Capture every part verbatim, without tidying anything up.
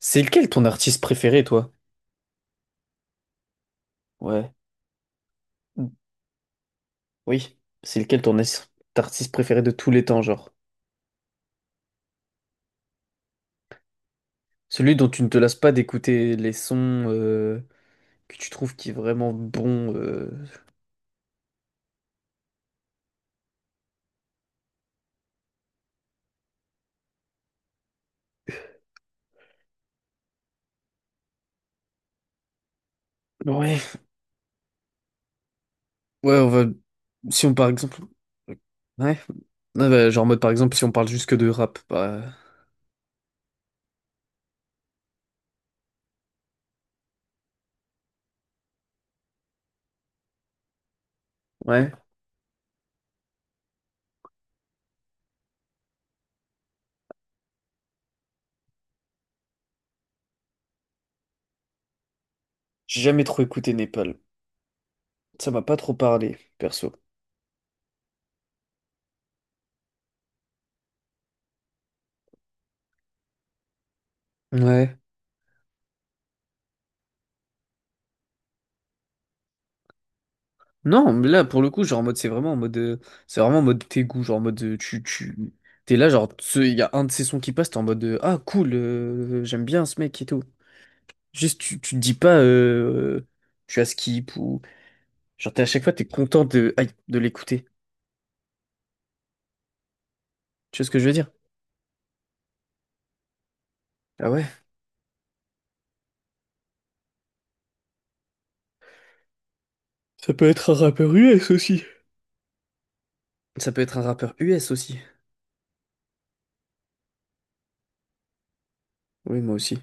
C'est lequel ton artiste préféré, toi? Ouais. Mm. Oui. C'est lequel ton as- artiste préféré de tous les temps, genre? Celui dont tu ne te lasses pas d'écouter les sons euh, que tu trouves qui est vraiment bon. euh. Ouais. Ouais, on va. Si on par exemple. Ouais. Ouais, bah, genre en mode par exemple, si on parle juste que de rap, bah. Ouais. J'ai jamais trop écouté Népal. Ça m'a pas trop parlé, perso. Ouais. Non, mais là, pour le coup, genre, en mode, c'est vraiment en mode, euh, c'est vraiment en mode tes goûts, genre, en mode, euh, tu, tu, t'es là, genre, ce- il y a un de ces sons qui passe, t'es en mode, euh, ah, cool, euh, j'aime bien ce mec et tout. Juste, tu, tu te dis pas, euh, tu as skip ou, genre, t'es à chaque fois, t'es content de, aïe, de l'écouter. Tu vois ce que je veux dire? Ah ouais. Ça peut être un rappeur U S aussi. Ça peut être un rappeur U S aussi. Oui, moi aussi.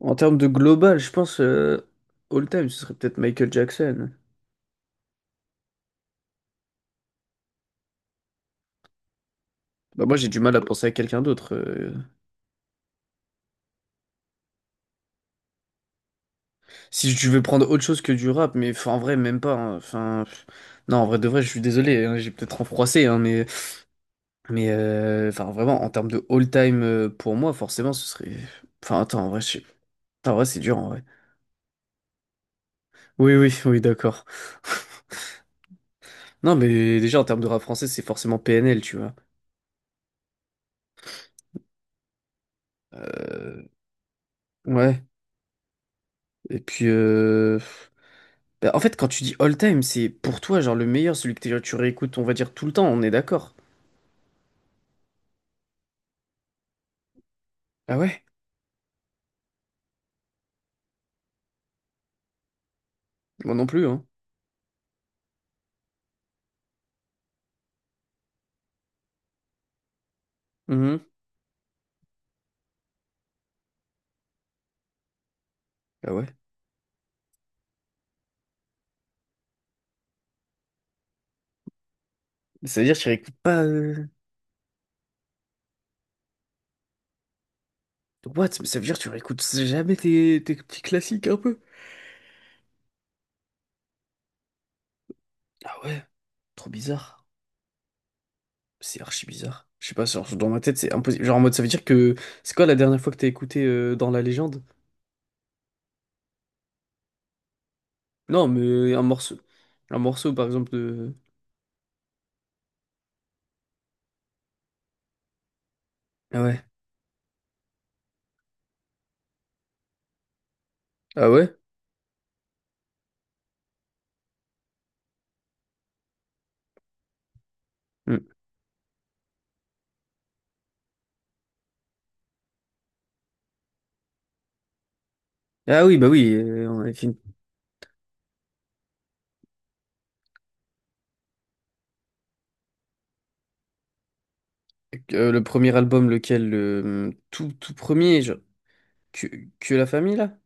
En termes de global, je pense, euh, all time, ce serait peut-être Michael Jackson. Bah, moi, j'ai du mal à penser à quelqu'un d'autre. euh, Si tu veux prendre autre chose que du rap, mais enfin, en vrai, même pas. Hein. Enfin, pff, non, en vrai, de vrai, je suis désolé, hein, j'ai peut-être renfroissé, hein, mais, mais euh, enfin, vraiment, en termes de all-time euh, pour moi, forcément, ce serait. Enfin, attends, en vrai, je sais- enfin, en vrai, c'est dur, en vrai. Oui, oui, oui, d'accord. Non, mais déjà, en termes de rap français, c'est forcément P N L, tu vois. Euh, ouais. Et puis, euh, bah, en fait, quand tu dis all-time, c'est pour toi, genre, le meilleur, celui que t'es- tu réécoutes, on va dire, tout le temps, on est d'accord. Ah ouais? Moi non plus, hein. Mhm. Ah ouais. Ça veut dire que tu réécoutes pas. euh, What? Mais ça veut dire que tu réécoutes jamais tes, tes petits classiques un peu? Ah ouais, trop bizarre. C'est archi bizarre. Je sais pas, genre, dans ma tête, c'est impossible. Genre en mode, ça veut dire que. C'est quoi la dernière fois que t'as écouté euh, dans la légende? Non, mais un morceau. Un morceau, par exemple, de. Ah ouais. Ah ouais? Hmm. Ah oui, bah oui, euh, on avait fait une- Euh, le premier album, lequel? Le tout, tout premier, genre. Que, que la famille, là?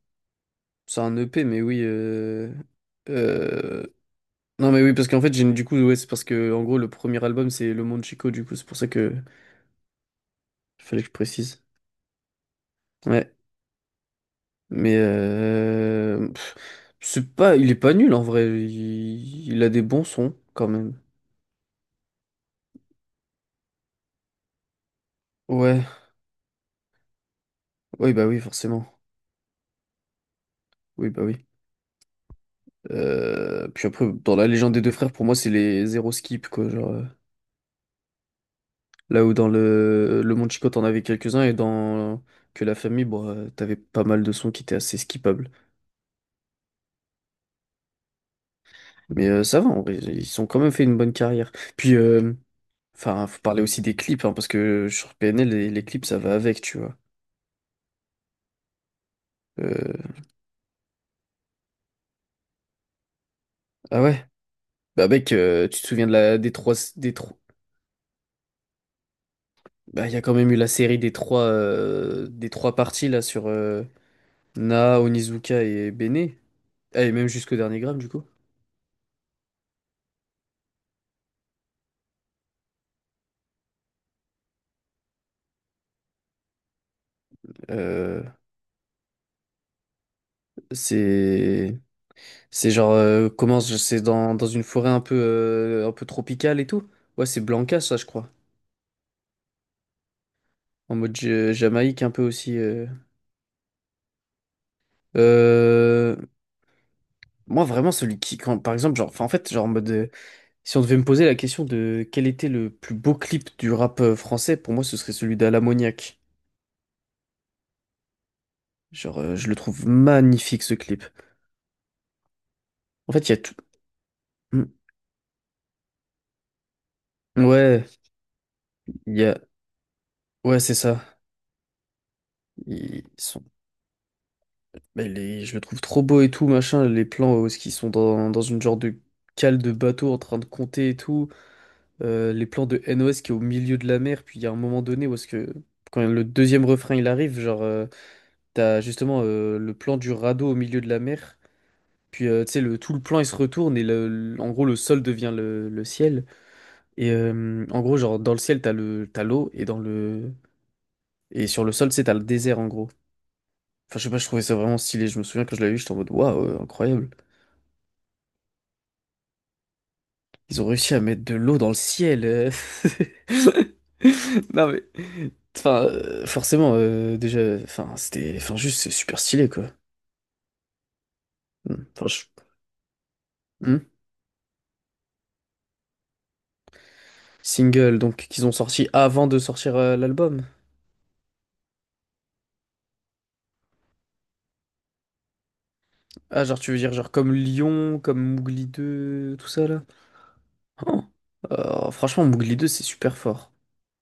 C'est un E P, mais oui. Euh... euh, Non mais oui parce qu'en fait j'ai du coup ouais c'est parce que en gros le premier album c'est Le Monde Chico, du coup c'est pour ça que fallait que je précise. Ouais, mais euh... pff, c'est pas, il est pas nul en vrai, il... il a des bons sons quand même. Ouais, oui bah oui forcément, oui bah oui. Euh, Puis après, dans la légende des deux frères, pour moi c'est les zéro skip, quoi, genre euh, là où dans le Le Monde Chico t'en avais quelques-uns, et dans que la famille bon, euh, t'avais pas mal de sons qui étaient assez skippables, mais euh, ça va, en vrai ils ont quand même fait une bonne carrière. Puis, euh, enfin, faut parler aussi des clips, hein, parce que sur P N L, les, les clips, ça va avec, tu vois. Euh, Ah ouais? Bah mec, euh, tu te souviens de la des trois des trois. Bah il y a quand même eu la série des trois euh, des trois parties là sur euh, Na, Onizuka et Bene. Ah, et même jusqu'au dernier gramme du coup. Euh, c'est c'est genre euh, comment je- c'est dans, dans une forêt un peu euh, un peu tropicale et tout. Ouais, c'est Blanca ça, je crois. En mode Ja- Jamaïque un peu aussi. euh. Euh, Moi, vraiment, celui qui, quand, par exemple, genre, enfin, en fait, genre, en mode, euh, si on devait me poser la question de quel était le plus beau clip du rap euh, français, pour moi, ce serait celui d'Alamoniac. Genre, euh, je le trouve magnifique, ce clip. En fait, il y a tout. Mm. Ouais, il y a, ouais, c'est ça. Ils sont, mais les- je le trouve trop beau et tout, machin. Les plans où ils sont dans, dans une genre de cale de bateau en train de compter et tout. Euh, les plans de N O S qui est au milieu de la mer. Puis il y a un moment donné où est-ce que, quand le deuxième refrain il arrive, genre. euh, T'as justement euh, le plan du radeau au milieu de la mer. Puis euh, tu sais, le, tout le plan il se retourne et le, le- en gros le sol devient le, le ciel. Et euh, en gros, genre dans le ciel, t'as le, t'as l'eau, et dans le. Et sur le sol, tu sais, t'as le désert en gros. Enfin, je sais pas, je trouvais ça vraiment stylé. Je me souviens quand je l'avais vu, j'étais en mode waouh, euh, incroyable. Ils ont réussi à mettre de l'eau dans le ciel. euh. Non mais. Enfin, euh, forcément, euh, déjà, enfin, c'était. Enfin, juste, c'est super stylé, quoi. Enfin, je- Hmm. Single, donc, qu'ils ont sorti avant de sortir euh, l'album. Ah, genre, tu veux dire, genre, comme Lyon, comme Mougli deux, tout ça, là? Oh. Euh, franchement, Mougli deux c'est super fort.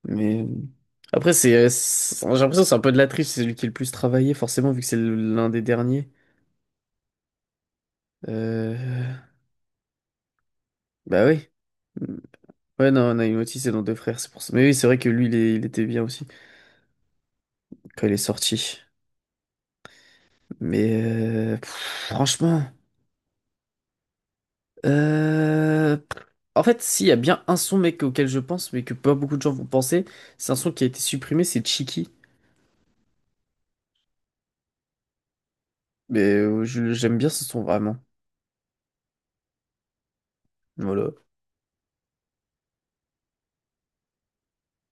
Mais euh, après, c'est, euh, c'est- j'ai l'impression que c'est un peu de la triche, c'est celui qui est le plus travaillé, forcément, vu que c'est l'un des derniers. Euh, Bah oui. Ouais, non, Naimoti, c'est dans Deux Frères, c'est pour ça. Mais oui, c'est vrai que lui, il, est- il était bien aussi, quand il est sorti. Mais euh, pff, franchement. euh, En fait, s'il y a bien un son, mec, auquel je pense, mais que pas beaucoup de gens vont penser, c'est un son qui a été supprimé, c'est Chiki. Mais euh, je- j'aime bien ce son vraiment. Voilà.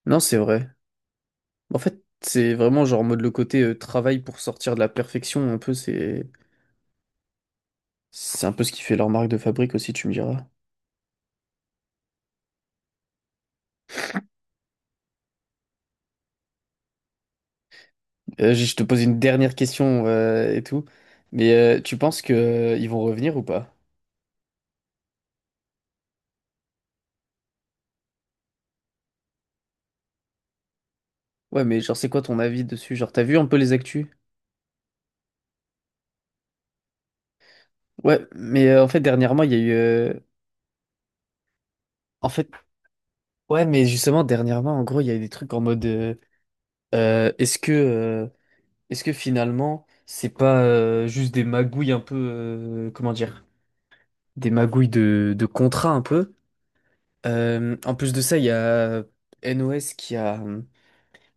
Non, c'est vrai. En fait, c'est vraiment genre en mode le côté euh, travail pour sortir de la perfection, un peu, c'est c'est un peu ce qui fait leur marque de fabrique aussi, tu me diras. Euh, je je te pose une dernière question euh, et tout. Mais euh, tu penses que euh, ils vont revenir ou pas? Ouais, mais genre c'est quoi ton avis dessus? Genre t'as vu un peu les actus? Ouais, mais euh, en fait dernièrement il y a eu euh, en fait, ouais, mais justement dernièrement, en gros il y a eu des trucs en mode, euh, euh, est-ce que Est-ce que finalement, c'est pas euh, juste des magouilles un peu, euh, comment dire, des magouilles de, de contrat un peu? Euh, en plus de ça, il y a N O S qui a, hum,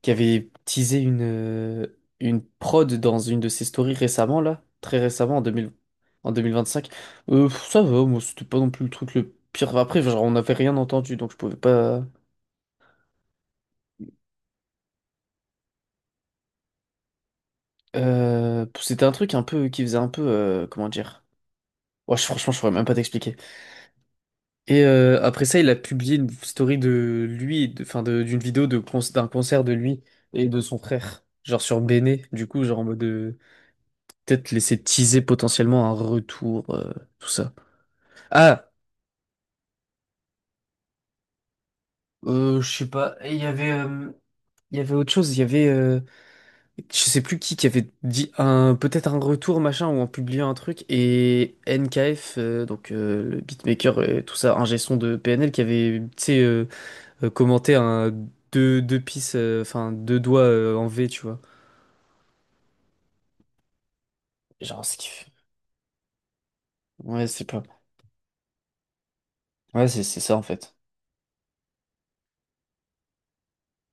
qui avait teasé une, euh, une prod dans une de ses stories récemment, là, très récemment, en deux mille en deux mille vingt-cinq. Euh, pff, ça va, moi, c'était pas non plus le truc le pire. Enfin, après, genre, on n'avait rien entendu, donc je pouvais pas. Euh, c'était un truc un peu qui faisait un peu, euh, comment dire? Ouais, je- franchement, je pourrais même pas t'expliquer. Et euh, après ça, il a publié une story de lui, de- enfin de- d'une vidéo de con- d'un concert de lui et de son frère, genre sur Bene, du coup, genre en mode euh, peut-être laisser teaser potentiellement un retour, euh, tout ça. Ah, euh, je sais pas. Et il y avait, euh, il y avait autre chose, il y avait, euh, je sais plus qui qui avait dit un peut-être un retour machin, ou en publiant un truc, et N K F, euh, donc euh, le beatmaker et tout ça, un son de P N L qui avait, tu sais, euh, euh, commenter un deux deux pistes, euh, enfin deux doigts euh, en V, tu vois. Genre, ce qui fait- ouais, c'est pas. Ouais, c'est c'est ça, en fait.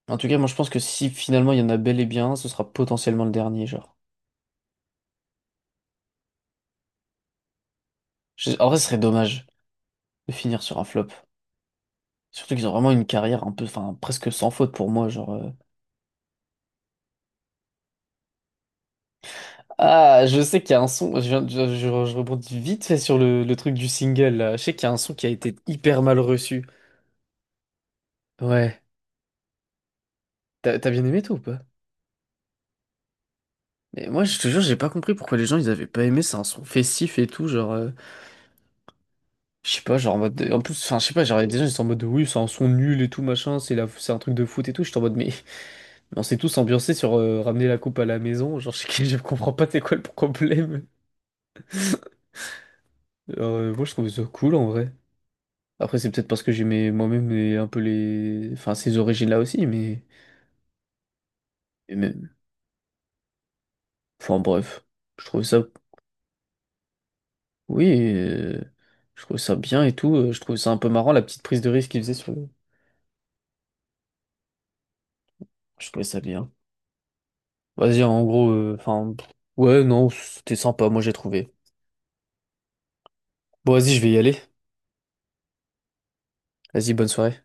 En tout cas, moi, je pense que si finalement il y en a bel et bien, un, ce sera potentiellement le dernier, genre. Je- En vrai, ce serait dommage de finir sur un flop. Surtout qu'ils ont vraiment une carrière un peu, enfin, presque sans faute pour moi, genre. euh. Ah, je sais qu'il y a un son, je, viens de- je, je- je rebondis vite fait sur le, le truc du single, là. Je sais qu'il y a un son qui a été hyper mal reçu. Ouais. T'as t'as bien aimé, toi, ou pas? Mais moi, je te jure, j'ai pas compris pourquoi les gens ils avaient pas aimé. C'est un son festif et tout, genre, euh, je sais pas, genre en mode. de- En plus, enfin, je sais pas, genre, des gens ils sont en mode de, oui, c'est un son nul et tout, machin, c'est la. C'est un truc de foot et tout. J'étais en mode, mais, mais on s'est tous ambiancés sur euh, ramener la coupe à la maison. Genre, je, je comprends pas, c'est quoi le problème. Alors, euh, moi, je trouvais ça cool en vrai. Après, c'est peut-être parce que j'aimais moi-même les- un peu les. Enfin, ces origines-là aussi, mais. et même- Enfin, bref, je trouvais ça. Oui, euh, je trouvais ça bien et tout. euh, Je trouvais ça un peu marrant, la petite prise de risque qu'ils faisaient sur le. Je trouvais ça bien. Vas-y, en gros, euh, enfin, ouais, non, c'était sympa, moi j'ai trouvé. Bon, vas-y, je vais y aller. Vas-y, bonne soirée.